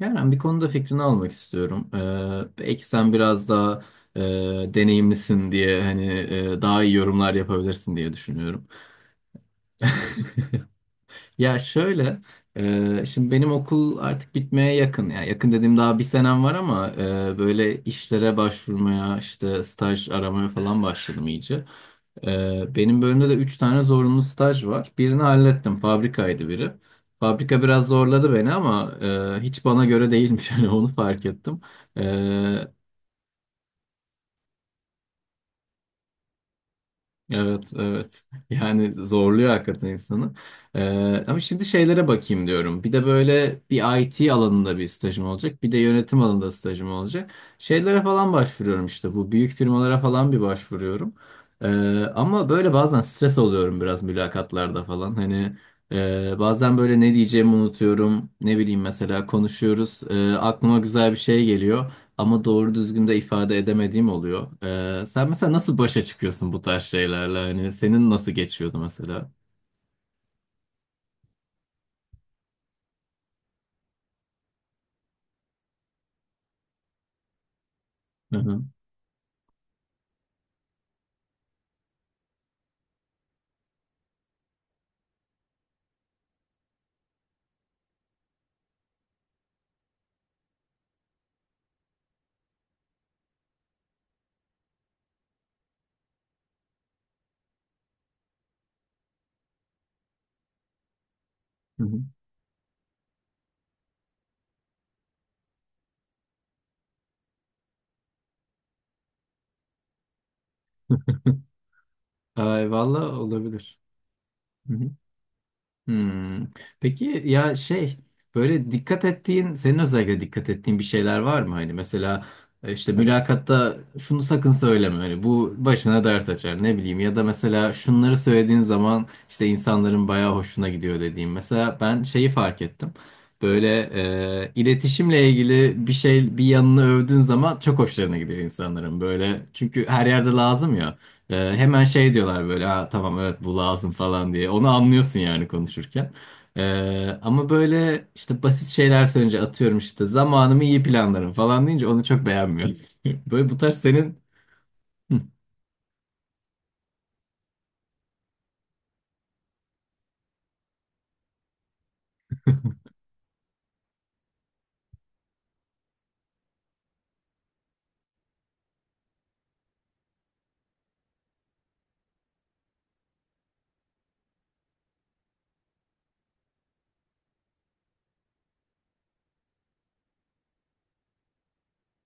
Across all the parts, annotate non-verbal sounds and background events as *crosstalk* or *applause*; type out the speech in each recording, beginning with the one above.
Yani bir konuda fikrini almak istiyorum. Belki sen biraz daha e, deneyimlisin diye hani daha iyi yorumlar yapabilirsin diye düşünüyorum. *laughs* Ya şöyle, şimdi benim okul artık bitmeye yakın. Ya yakın dediğim daha bir senem var ama böyle işlere başvurmaya, işte staj aramaya falan başladım iyice. Benim bölümde de 3 tane zorunlu staj var. Birini hallettim. Fabrikaydı biri. Fabrika biraz zorladı beni ama hiç bana göre değilmiş. *laughs* Yani onu fark ettim. Ee, Evet, evet. Yani zorluyor hakikaten insanı. Ama şimdi şeylere bakayım diyorum. Bir de böyle bir IT alanında bir stajım olacak. Bir de yönetim alanında stajım olacak. Şeylere falan başvuruyorum işte. Bu büyük firmalara falan bir başvuruyorum. Ee, ama böyle bazen stres oluyorum biraz mülakatlarda falan. Hani bazen böyle ne diyeceğimi unutuyorum. Ne bileyim mesela konuşuyoruz. Aklıma güzel bir şey geliyor ama doğru düzgün de ifade edemediğim oluyor. Sen mesela nasıl başa çıkıyorsun bu tarz şeylerle? Hani senin nasıl geçiyordu mesela? Hı hı. Hı hı. Ay valla olabilir. Hı hı. Hmm. Peki ya şey böyle dikkat ettiğin senin özellikle dikkat ettiğin bir şeyler var mı? Hani mesela işte mülakatta şunu sakın söyleme hani bu başına dert açar ne bileyim ya da mesela şunları söylediğin zaman işte insanların bayağı hoşuna gidiyor dediğim. Mesela ben şeyi fark ettim. Böyle iletişimle ilgili bir şey bir yanını övdüğün zaman çok hoşlarına gidiyor insanların böyle çünkü her yerde lazım ya. Hemen şey diyorlar böyle ha, tamam evet bu lazım falan diye. Onu anlıyorsun yani konuşurken. Ama böyle işte basit şeyler söyleyince atıyorum işte zamanımı iyi planlarım falan deyince onu çok beğenmiyorum. *laughs* Böyle bu tarz senin. Hı,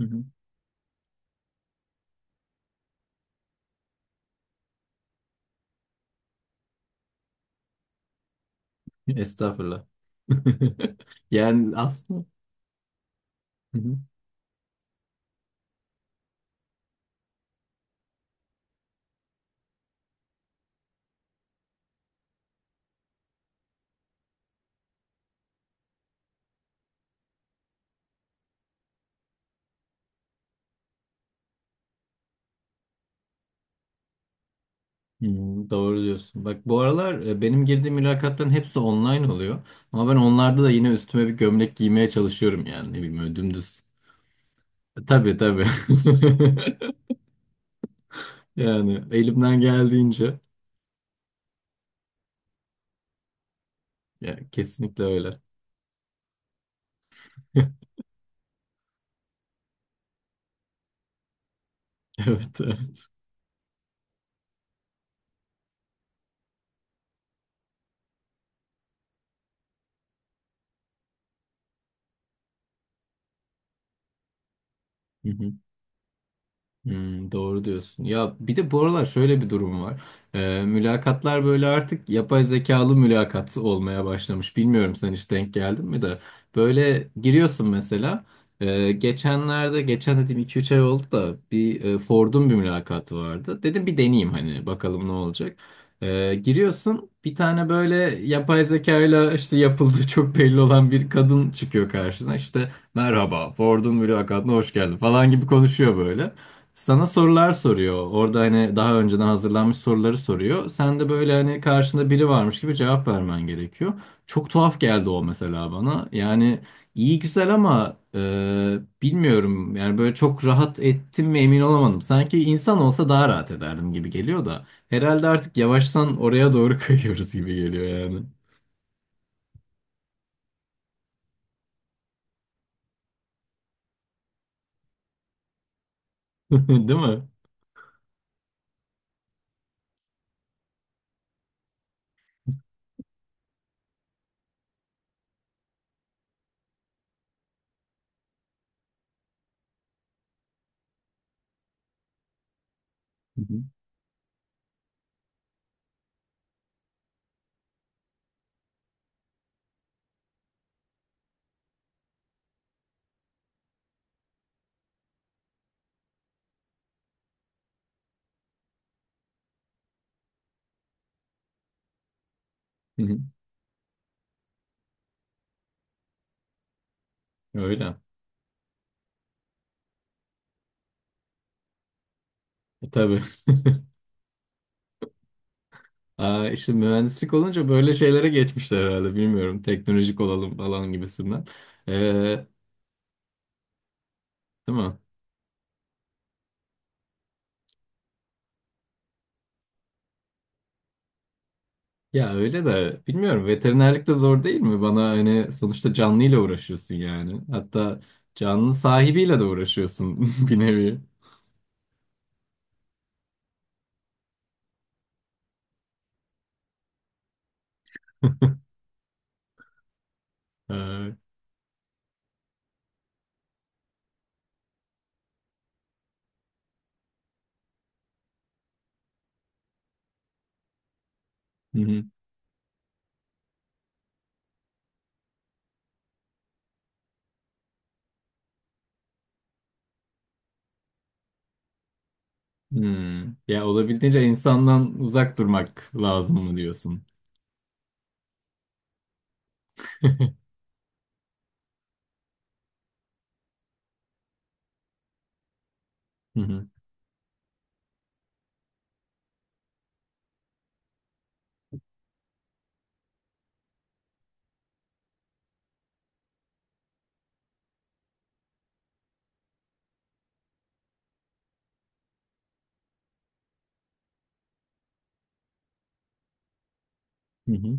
hı hı. Estağfurullah. *laughs* Yani aslında. Hı hı. Doğru diyorsun. Bak bu aralar benim girdiğim mülakatların hepsi online oluyor. Ama ben onlarda da yine üstüme bir gömlek giymeye çalışıyorum yani ne bileyim öyle dümdüz. Tabii tabii. *laughs* Yani elimden geldiğince ya kesinlikle öyle. *laughs* Evet, evet. Hı hı. Doğru diyorsun. Ya bir de bu aralar şöyle bir durum var. Mülakatlar böyle artık yapay zekalı mülakat olmaya başlamış. Bilmiyorum sen hiç denk geldin mi de. Böyle giriyorsun mesela. Geçenlerde, geçen dediğim iki üç ay oldu da bir Ford'un bir mülakatı vardı. Dedim bir deneyeyim hani bakalım ne olacak. Giriyorsun bir tane böyle yapay zekayla işte yapıldığı *laughs* çok belli olan bir kadın çıkıyor karşına. İşte merhaba Ford'un mülakatına hoş geldin falan gibi konuşuyor böyle. Sana sorular soruyor. Orada hani daha önceden hazırlanmış soruları soruyor. Sen de böyle hani karşında biri varmış gibi cevap vermen gerekiyor. Çok tuhaf geldi o mesela bana. Yani iyi güzel ama bilmiyorum. Yani böyle çok rahat ettim mi emin olamadım. Sanki insan olsa daha rahat ederdim gibi geliyor da. Herhalde artık yavaştan oraya doğru *laughs* kayıyoruz gibi geliyor yani. *laughs* Değil mi? Hı hı. Hı hı. Öyle. Tabii. Aa, işte mühendislik olunca böyle şeylere geçmişler herhalde bilmiyorum. Teknolojik olalım falan gibisinden. Ee, değil mi? Ya öyle de bilmiyorum veterinerlik de zor değil mi? Bana hani sonuçta canlıyla uğraşıyorsun yani. Hatta canlı sahibiyle de uğraşıyorsun *laughs* bir nevi. *laughs* Hı hı. Hmm. Ya olabildiğince insandan uzak durmak lazım mı diyorsun? *laughs* Hı hı. Hı hı.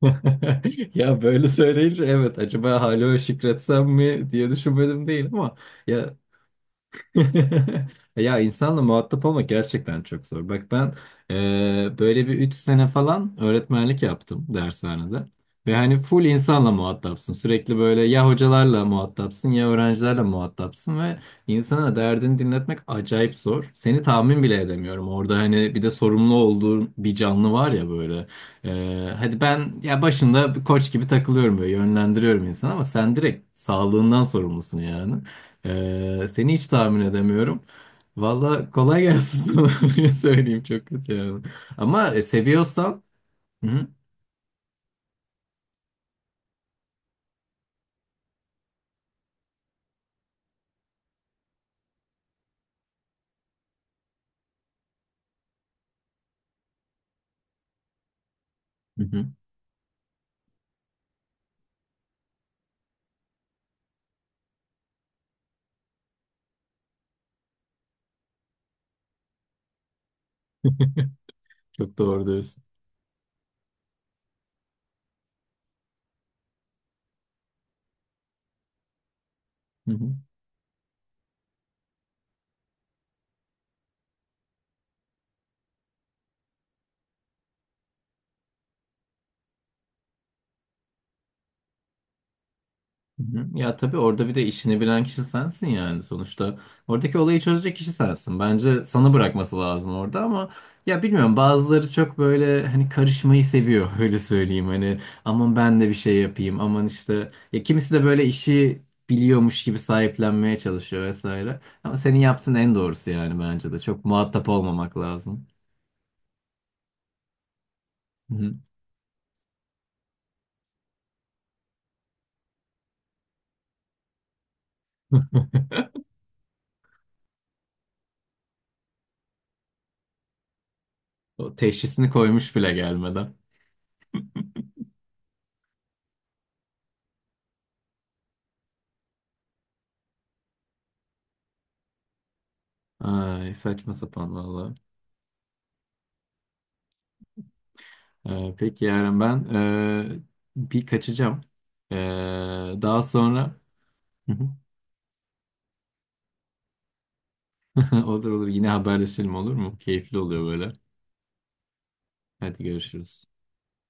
*laughs* Ya böyle söyleyince evet acaba hala şükretsem mi diye düşünmedim değil ama ya. *laughs* Ya insanla muhatap olmak gerçekten çok zor. Bak ben böyle bir 3 sene falan öğretmenlik yaptım dershanede. Ve hani full insanla muhatapsın. Sürekli böyle ya hocalarla muhatapsın ya öğrencilerle muhatapsın ve insana derdini dinletmek acayip zor. Seni tahmin bile edemiyorum. Orada hani bir de sorumlu olduğun bir canlı var ya böyle. Hadi ben ya başında bir koç gibi takılıyorum böyle yönlendiriyorum insanı ama sen direkt sağlığından sorumlusun yani. Seni hiç tahmin edemiyorum. Valla kolay gelsin sana *laughs* öyle söyleyeyim çok kötü yani. Ama seviyorsan. Hı hı. Hı hı. *laughs* Çok doğru diyorsun. Hı hı. Hı hı. Ya tabii orada bir de işini bilen kişi sensin yani sonuçta. Oradaki olayı çözecek kişi sensin. Bence sana bırakması lazım orada ama ya bilmiyorum bazıları çok böyle hani karışmayı seviyor *laughs* öyle söyleyeyim. Hani aman ben de bir şey yapayım aman işte ya kimisi de böyle işi biliyormuş gibi sahiplenmeye çalışıyor vesaire. Ama senin yaptığın en doğrusu yani bence de çok muhatap olmamak lazım. Hı hı. *laughs* O teşhisini koymuş bile gelmeden. Ay saçma sapan vallahi. Peki Yaren ben bir kaçacağım. Eee, daha sonra *laughs* olur olur yine haberleşelim olur mu? Keyifli oluyor böyle. Hadi görüşürüz.